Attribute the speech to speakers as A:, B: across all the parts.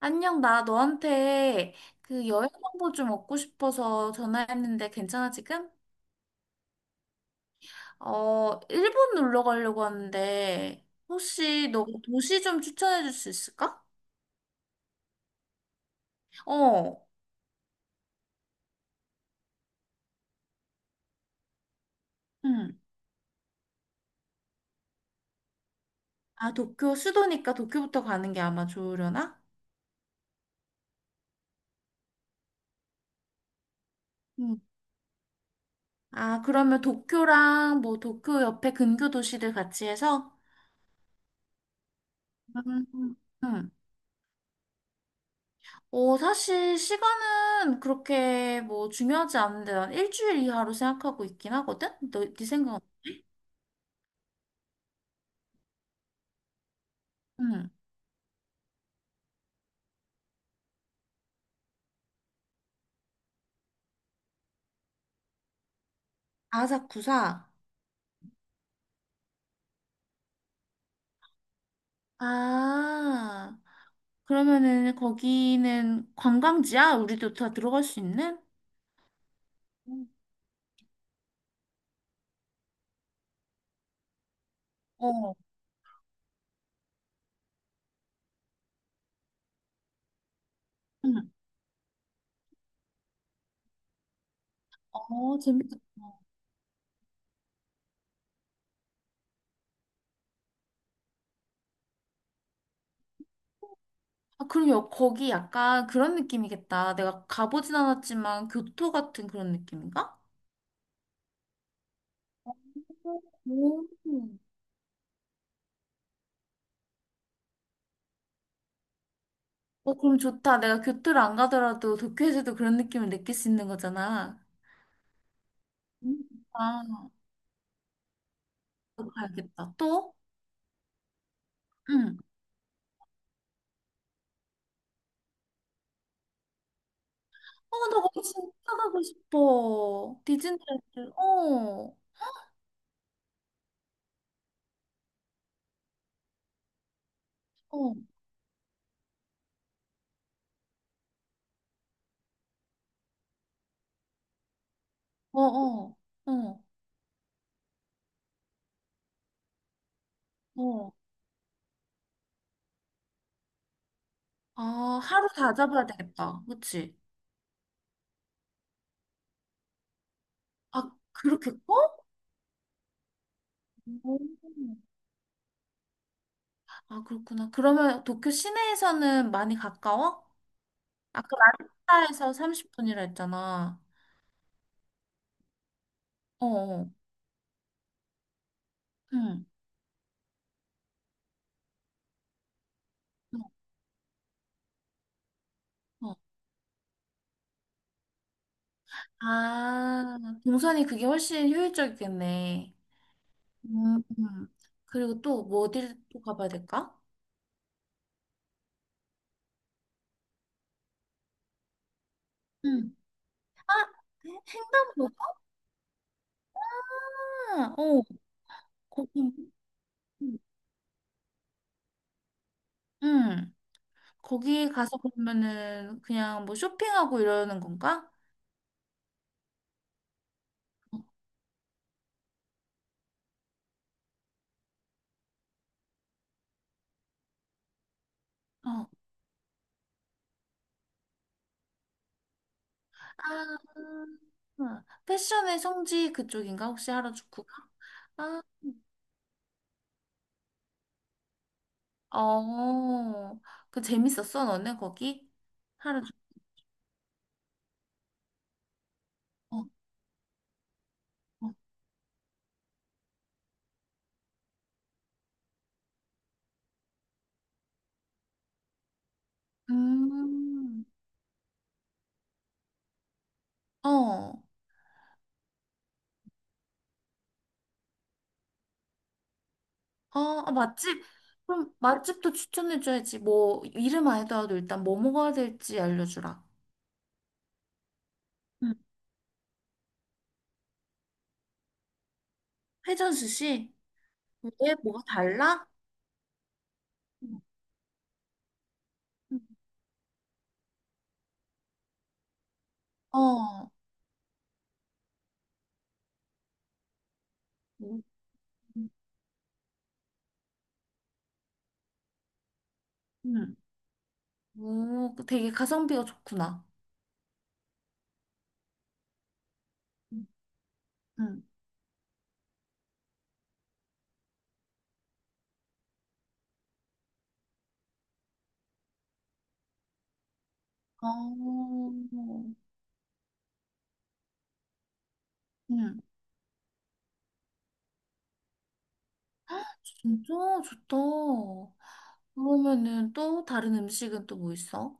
A: 안녕, 나 너한테 그 여행 정보 좀 얻고 싶어서 전화했는데 괜찮아, 지금? 어, 일본 놀러 가려고 하는데 혹시 너 도시 좀 추천해 줄 수 있을까? 어, 응. 아, 도쿄, 수도니까 도쿄부터 가는 게 아마 좋으려나? 응. 아, 그러면 도쿄랑 뭐 도쿄 옆에 근교 도시들 같이 해서? 음, 응. 어, 사실 시간은 그렇게 뭐 중요하지 않은데 난 일주일 이하로 생각하고 있긴 하거든? 네 생각은? 응. 아사쿠사? 아, 그러면은 거기는 관광지야? 우리도 다 들어갈 수 있는? 음. 어, 응. 어, 재밌겠다. 아, 그리고 거기 약간 그런 느낌이겠다. 내가 가보진 않았지만 교토 같은 그런 느낌인가? 오. 어, 그럼 좋다. 내가 교토를 안 가더라도 도쿄에서도 그런 느낌을 느낄 수 있는 거잖아. 음. 아, 또 가야겠다. 또? 응. 어, 나 거기 진짜 가고 싶어. 디즈니랜드. 어, 어, 어, 어, 어, 어. 아, 하루 다 잡아야 되겠다. 그치? 아, 그렇게 커? 오. 아, 그렇구나. 그러면 도쿄 시내에서는 많이 가까워? 아까 라니타에서 30분이라 했잖아. 어, 어. 응. 어. 어. 아, 동선이 그게 훨씬 효율적이겠네. 음, 음. 그리고 또 뭐어를또 가봐야 될까? 응, 횡단보도가, 어, 거기, 응, 거기 가서 그러면은 그냥 뭐 쇼핑하고 이러는 건가? 어, 아, 패션의 성지 그쪽인가? 혹시 하라주쿠가? 아, 어, 그 재밌었어, 너네 거기? 하라주쿠. 어, 어. 음, 어. 어, 아, 맛집? 그럼 맛집도 추천해줘야지. 뭐, 이름 해더라도 일단 뭐 먹어야 될지 알려주라. 응. 회전 스시? 왜? 뭐가 달라? 응. 어, 음, 응. 응. 오, 그 되게 가성비가 좋구나. 응. 응. 어, 응. 진짜 좋다. 그러면은 또 다른 음식은 또 뭐 있어?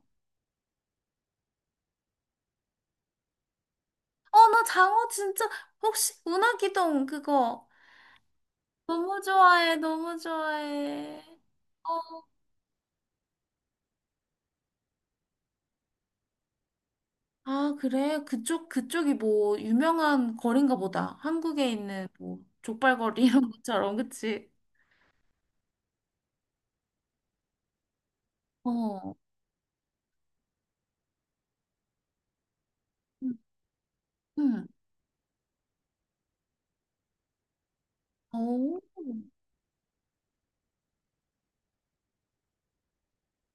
A: 어, 나 장어 진짜, 혹시 운하기동 그거 너무 좋아해, 너무 좋아해. 어. 아, 그래? 그쪽이 뭐, 유명한 거리인가 보다. 한국에 있는 뭐, 족발거리 이런 것처럼, 그치? 어. 응. 응. 어,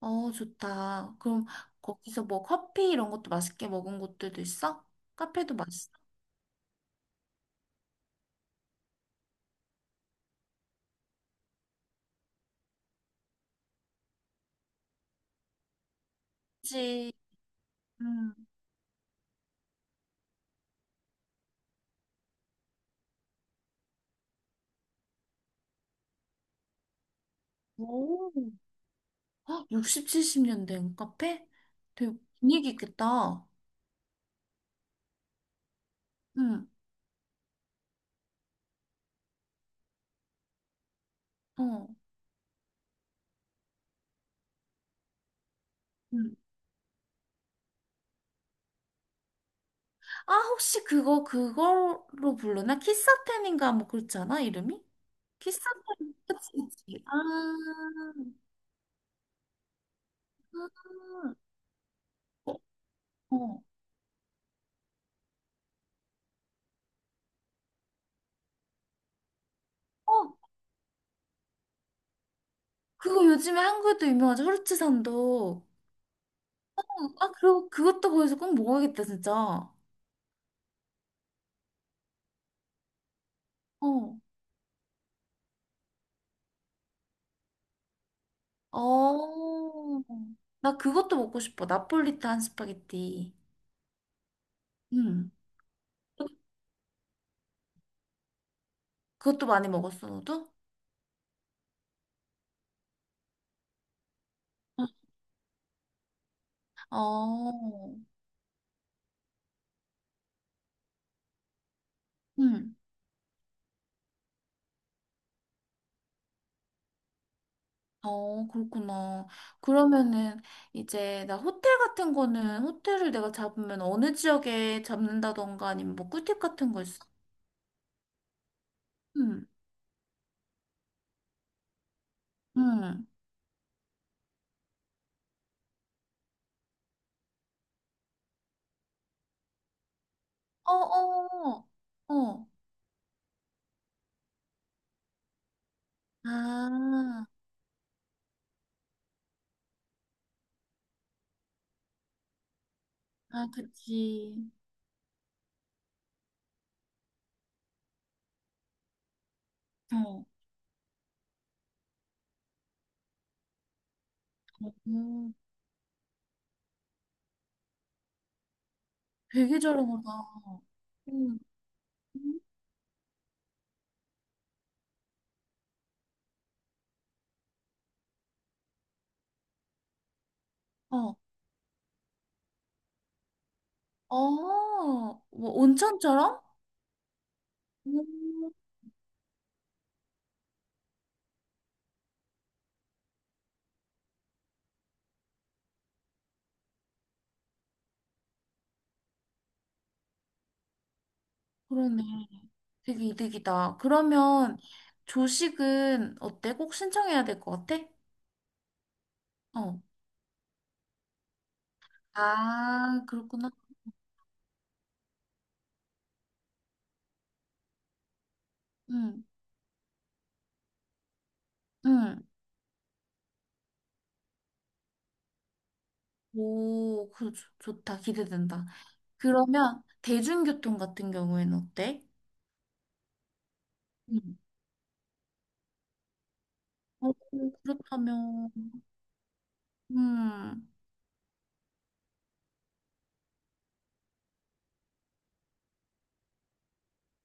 A: 어, 좋다. 그럼 거기서 뭐 커피 이런 것도 맛있게 먹은 곳들도 있어? 카페도 맛있어? 그치. 응. 오. 헉, 60, 70년 된 카페? 되게 분위기 있겠다. 응. 어. 응. 아, 그걸로 부르나? 키사템인가? 뭐 그렇지 않아? 이름이? 키사템. 그치, 그치. 아, 아. 어, 어. 어, 그거 요즘에 한국에도 유명하죠. 후르츠산도. 아, 그리고 그것도 거기서 꼭 먹어야겠다, 진짜. 어. 어. 나 그것도 먹고 싶어. 나폴리탄 스파게티. 응. 그것도 많이 먹었어, 너도? 응. 어. 응. 어, 그렇구나. 그러면은 이제 나 호텔 같은 거는 호텔을 내가 잡으면 어느 지역에 잡는다던가 아니면 뭐 꿀팁 같은 거 있어? 응, 응. 어, 어, 어. 아, 아, 그치. 어, 어. 되게 저렴하다. 응, 응. 어, 어, 뭐 온천처럼? 음, 그러네. 되게 이득이다. 그러면 조식은 어때? 꼭 신청해야 될 것 같아? 어. 아, 그렇구나. 응, 응. 오, 좋다. 기대된다. 그러면 대중교통 같은 경우에는 어때? 응. 어, 그렇다면, 음.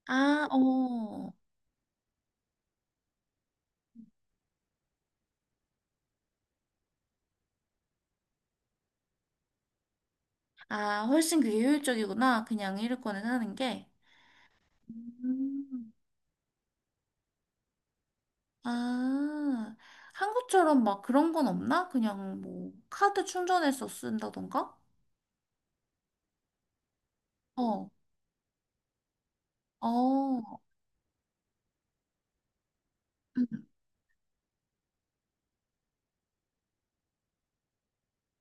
A: 아, 어. 아, 훨씬 그게 효율적이구나. 그냥 이륙권에 사는 게. 음. 아, 한국처럼 막 그런 건 없나? 그냥 뭐, 카드 충전해서 쓴다던가? 어, 어.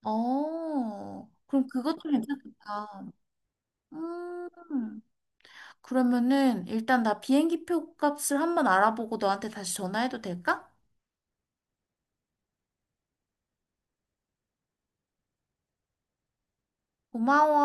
A: 어, 그럼 그것도 괜찮겠다. 음, 그러면은 일단 나 비행기 표 값을 한번 알아보고 너한테 다시 전화해도 될까? 고마워.